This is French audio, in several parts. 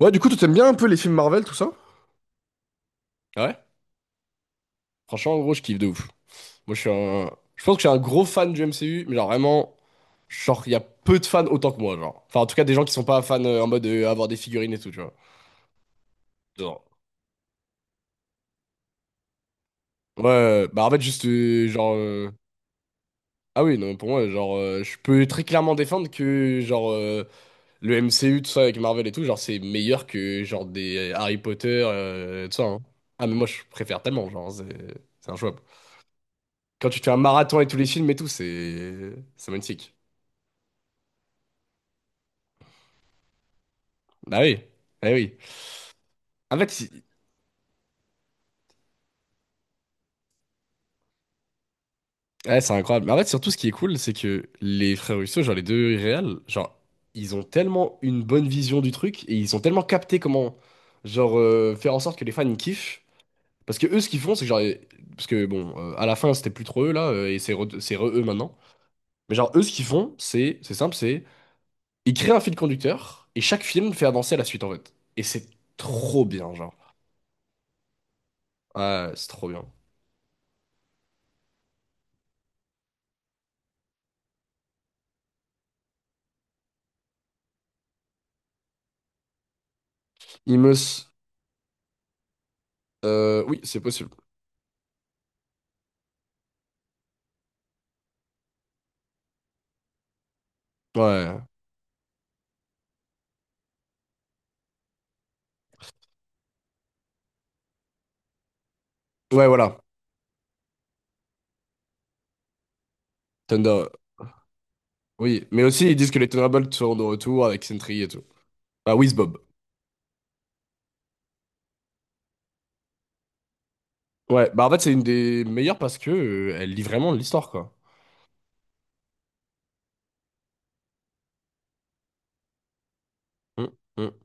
Ouais, du coup, tu t'aimes bien un peu les films Marvel, tout ça? Ouais, franchement, en gros, je kiffe de ouf. Moi, je suis un. Je pense que je suis un gros fan du MCU, mais genre vraiment, genre, il y a peu de fans autant que moi, genre. Enfin, en tout cas, des gens qui sont pas fans en mode avoir des figurines et tout, tu vois. Genre, ouais, bah en fait, juste, genre. Ah oui, non, pour moi, genre, je peux très clairement défendre que, genre, le MCU, tout ça, avec Marvel et tout, genre, c'est meilleur que, genre, des Harry Potter, tout ça, hein. Ah, mais moi, je préfère tellement, genre, c'est injouable. Quand tu fais un marathon et tous les films et tout, c'est magnifique. Bah oui, bah oui. En fait, si- Ouais, c'est incroyable. Mais en fait, surtout, ce qui est cool, c'est que les frères Russo, genre les deux réels, genre, ils ont tellement une bonne vision du truc et ils ont tellement capté comment, genre, faire en sorte que les fans ils kiffent. Parce que eux, ce qu'ils font, c'est que, genre, parce que bon, à la fin, c'était plus trop eux là, et c'est re eux maintenant. Mais genre, eux, ce qu'ils font, c'est simple, c'est ils créent un fil conducteur et chaque film fait avancer à la suite en fait. Et c'est trop bien, genre. Ouais, c'est trop bien. Imus. Oui, c'est possible. Ouais. Ouais, voilà. Thunder. Oui. Mais aussi, ils disent que les Thunderbolts sont de retour avec Sentry et tout. Ah, Bob. Ouais. Bah, en fait, c'est une des meilleures parce que elle lit vraiment l'histoire, quoi. Hum, hum.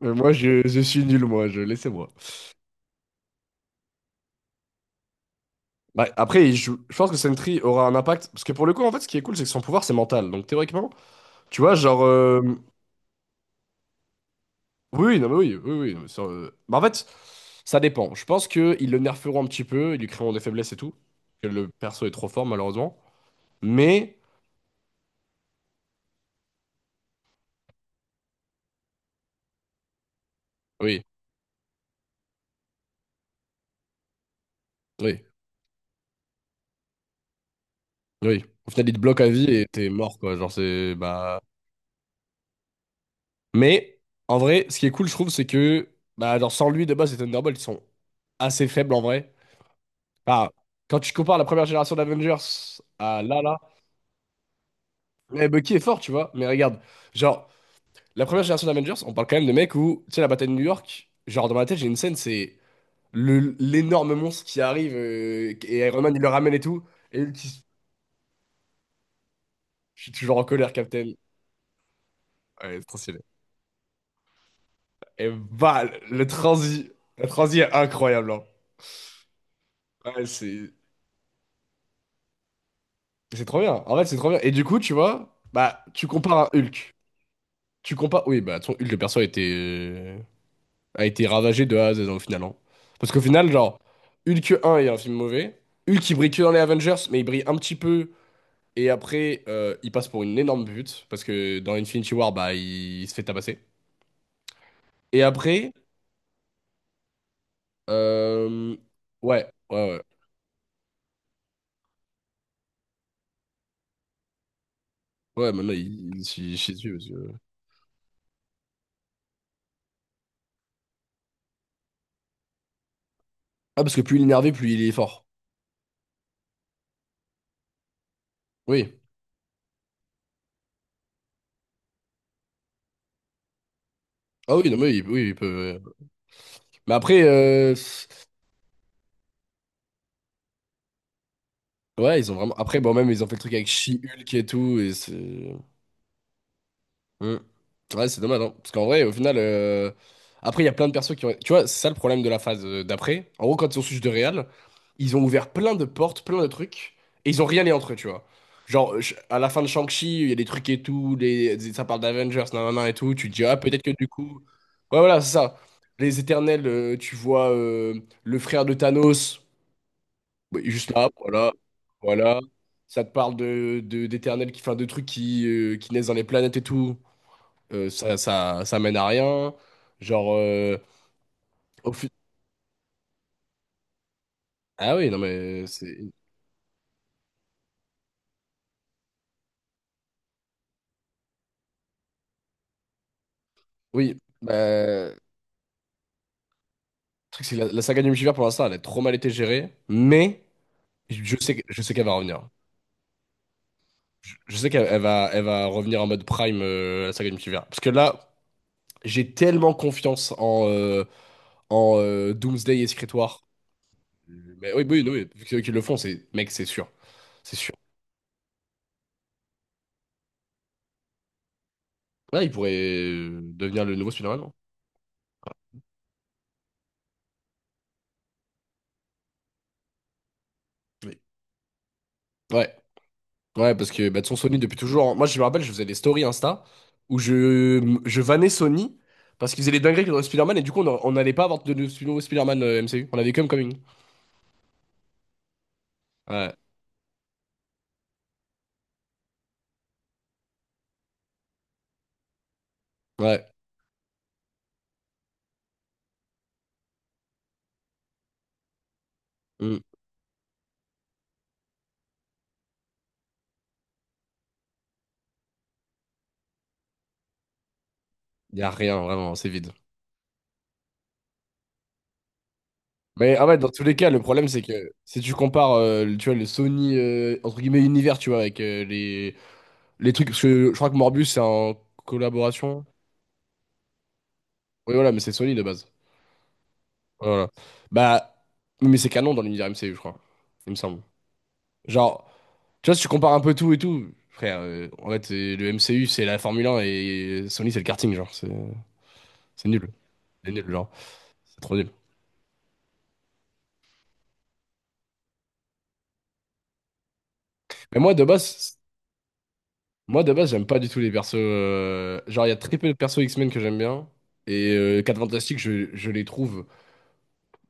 Mais moi, je suis nul, moi. Je laissez-moi. Bah, après, je pense que Sentry aura un impact. Parce que pour le coup, en fait, ce qui est cool, c'est que son pouvoir, c'est mental. Donc, théoriquement, tu vois, genre. Oui, oui, non, mais oui, oui, oui. Non, mais ça, bah, en fait, ça dépend. Je pense qu'ils le nerferont un petit peu, ils lui créeront des faiblesses et tout. Que le perso est trop fort, malheureusement. Mais, oui, oui, oui. Au final, il te bloque à vie et t'es mort, quoi. Genre, c'est. Bah. Mais, en vrai, ce qui est cool, je trouve, c'est que. Bah, genre, sans lui, de base, les Thunderbolts ils sont assez faibles, en vrai. Bah, quand tu compares la première génération d'Avengers à là, là. Mais Bucky est fort, tu vois. Mais regarde, genre. La première génération d'Avengers, on parle quand même de mecs où, tu sais, la bataille de New York, genre dans ma tête, j'ai une scène, c'est l'énorme monstre qui arrive et Iron Man, il le ramène et tout. Et Hulk, je suis toujours en colère, Captain. Ouais, c'est trop stylé. Et bah, le transi, le transi est incroyable, hein. Ouais, c'est trop bien. En fait, c'est trop bien. Et du coup, tu vois, bah, tu compares un Hulk. Tu compares. Oui, bah, ton Hulk, le perso était. A été ravagé de A à Z au final, hein. Parce qu'au final, genre, Hulk 1 est un film mauvais. Hulk, il brille que dans les Avengers, mais il brille un petit peu. Et après, il passe pour une énorme pute. Parce que dans Infinity War, bah, il se fait tabasser. Et après, euh, ouais, ouais, ouais. Ouais, maintenant, il s'y chie dessus. Parce que. Ah, parce que plus il est énervé, plus il est fort. Oui. Ah oui, non, mais oui, il peut, ouais. Mais après, ouais, ils ont vraiment. Après, bon, même, ils ont fait le truc avec She-Hulk et tout. Mm. Ouais, c'est dommage, hein. Parce qu'en vrai, au final, après, il y a plein de persos qui ont. Tu vois, c'est ça le problème de la phase d'après. En gros, quand ils ont switch de Real, ils ont ouvert plein de portes, plein de trucs, et ils ont rien lié entre eux, tu vois. Genre, à la fin de Shang-Chi, il y a des trucs et tout, ça parle d'Avengers, nanana et tout, tu te dis, ah, peut-être que du coup. Ouais, voilà, c'est ça. Les Éternels, tu vois le frère de Thanos, bah, il est juste là, voilà, voilà. Ça te parle d'Éternels qui font de trucs qui naissent dans les planètes et tout. Ça mène à rien. Genre, au fut- ah oui, non, mais c'est. Oui, bah, le truc, c'est que la saga du multivers, pour l'instant, elle a trop mal été gérée, mais je sais qu'elle va revenir. Je sais qu'elle elle va revenir en mode prime, la saga du multivers. Parce que là, j'ai tellement confiance en Doomsday et Secret War. Mais oui, oui, oui, vu qu'ils le font, c'est, mec, c'est sûr. C'est sûr. Ouais, il pourrait devenir le nouveau Spider-Man. Oui. Ouais. Ouais, parce que bah, de son Sony depuis toujours. Moi, je me rappelle, je faisais des stories Insta où je vannais Sony parce qu'ils faisaient des dingueries dans Spider-Man et du coup, on n'allait pas avoir de nouveau Spider-Man MCU. On avait comme Coming. Ouais, ouais. Il y a rien, vraiment, c'est vide. Mais ah ouais, dans tous les cas, le problème, c'est que si tu compares tu vois, le Sony, entre guillemets, univers, tu vois, avec les trucs. Parce que je crois que Morbus c'est en collaboration. Oui, voilà, mais c'est Sony de base. Voilà. Bah, mais c'est canon dans l'univers MCU, je crois. Il me semble. Genre. Tu vois, si tu compares un peu tout et tout, frère, en fait, le MCU, c'est la Formule 1 et Sony, c'est le karting, genre. C'est nul. C'est nul, genre. C'est trop nul. Mais moi, de base, moi, de base, j'aime pas du tout les persos. Genre, il y a très peu de persos X-Men que j'aime bien. Et 4 Fantastiques, je les trouve.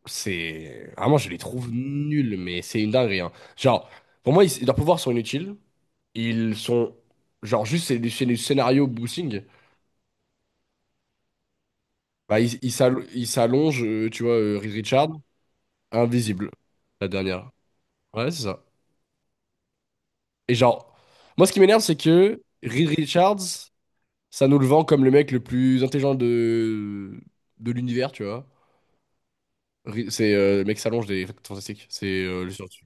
C'est. Vraiment, je les trouve nuls, mais c'est une dinguerie, hein. Genre, pour moi, leurs pouvoirs sont inutiles. Ils sont. Genre, juste, c'est du scénario boosting. Bah, ils s'allongent, tu vois, Reed Richards. Invisible, la dernière. Ouais, c'est ça. Et genre, moi, ce qui m'énerve, c'est que Reed Richards, ça nous le vend comme le mec le plus intelligent de l'univers, tu vois. C'est le mec qui s'allonge des Quatre fantastiques. C'est le surtout.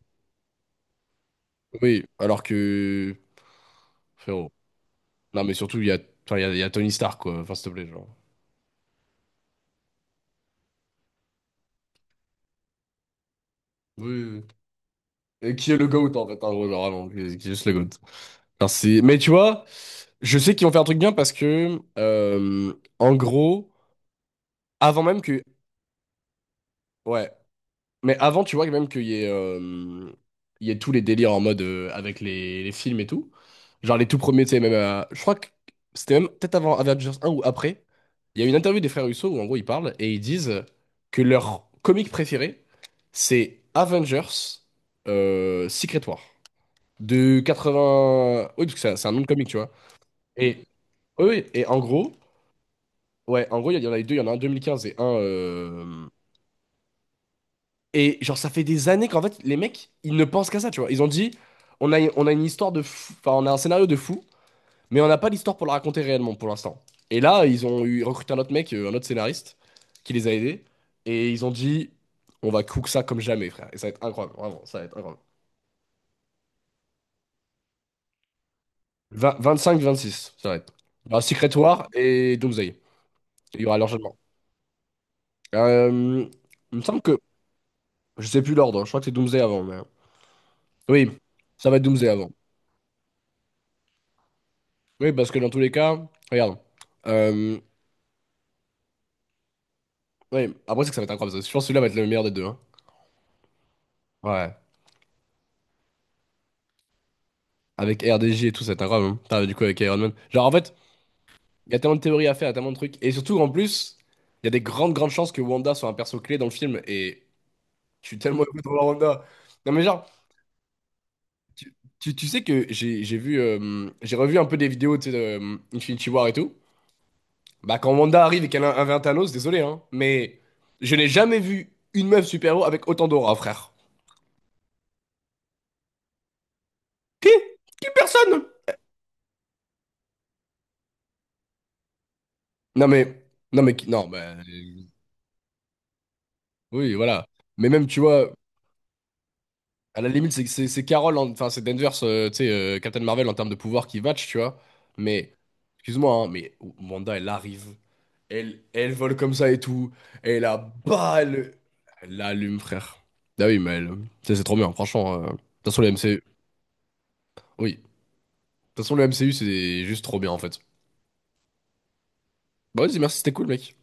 Oui, alors que. Frérot. Non, mais surtout, enfin, il y a Tony Stark, quoi. Enfin, s'il te plaît, genre. Oui, oui, oui. Et qui est le GOAT, en fait, en gros, genre, vraiment, qui est juste le GOAT. Enfin, mais tu vois, je sais qu'ils vont faire un truc bien parce que, en gros, avant même que. Ouais. Mais avant, tu vois, même qu'il y ait tous les délires en mode avec les films et tout. Genre les tout premiers, tu sais, même. Je crois que c'était même peut-être avant Avengers un ou après. Il y a une interview des frères Russo où en gros ils parlent et ils disent que leur comic préféré, c'est Avengers Secret War. De 80. Oui, parce que c'est un nom de comic, tu vois. Et, oui, oui, et en gros, ouais, en gros, il y en a les deux, il y en a un 2015 et un. Et genre, ça fait des années qu'en fait, les mecs, ils ne pensent qu'à ça, tu vois. Ils ont dit, on a une histoire de fou, enfin, on a un scénario de fou, mais on n'a pas l'histoire pour le raconter réellement pour l'instant. Et là, ils ont recruté un autre mec, un autre scénariste, qui les a aidés. Et ils ont dit, on va cook ça comme jamais, frère. Et ça va être incroyable, vraiment, ça va être incroyable. 2025, 26, ça va être. Il y aura Secret War et Doomsday. Il y aura l'enchaînement. Euh, il me semble que, je sais plus l'ordre, je crois que c'est Doomsday avant, mais... Oui, ça va être Doomsday avant. Oui, parce que dans tous les cas, regarde. Euh, ouais, après, c'est que ça va être incroyable. Je pense que celui-là va être le meilleur des deux, hein. Ouais. Avec RDJ et tout, ça va être incroyable, hein. Putain, du coup, avec Iron Man. Genre, en fait, il y a tellement de théories à faire, il y a tellement de trucs. Et surtout, en plus, il y a des grandes, grandes chances que Wanda soit un perso clé dans le film. Et je suis tellement heureux de voir Wanda. Non, mais genre, tu, tu sais que j'ai revu un peu des vidéos, tu sais, de Infinity War et tout. Bah, quand Wanda arrive et qu'elle a un Thanos, désolé, hein. Mais je n'ai jamais vu une meuf super-héros avec autant d'aura, frère. Qui? Qui personne? Non mais, non mais, non mais, oui voilà. Mais même tu vois, à la limite c'est Carol, enfin c'est Danvers, tu sais Captain Marvel en termes de pouvoir qui match, tu vois. Mais excuse-moi, hein, mais Wanda elle arrive, elle vole comme ça et tout, et la balle, elle l'allume, frère. Ah oui mais elle, tu sais, c'est trop bien, franchement. De toute façon le MCU, oui, de toute façon le MCU c'est juste trop bien en fait. Bah vas-y merci, c'était cool, mec.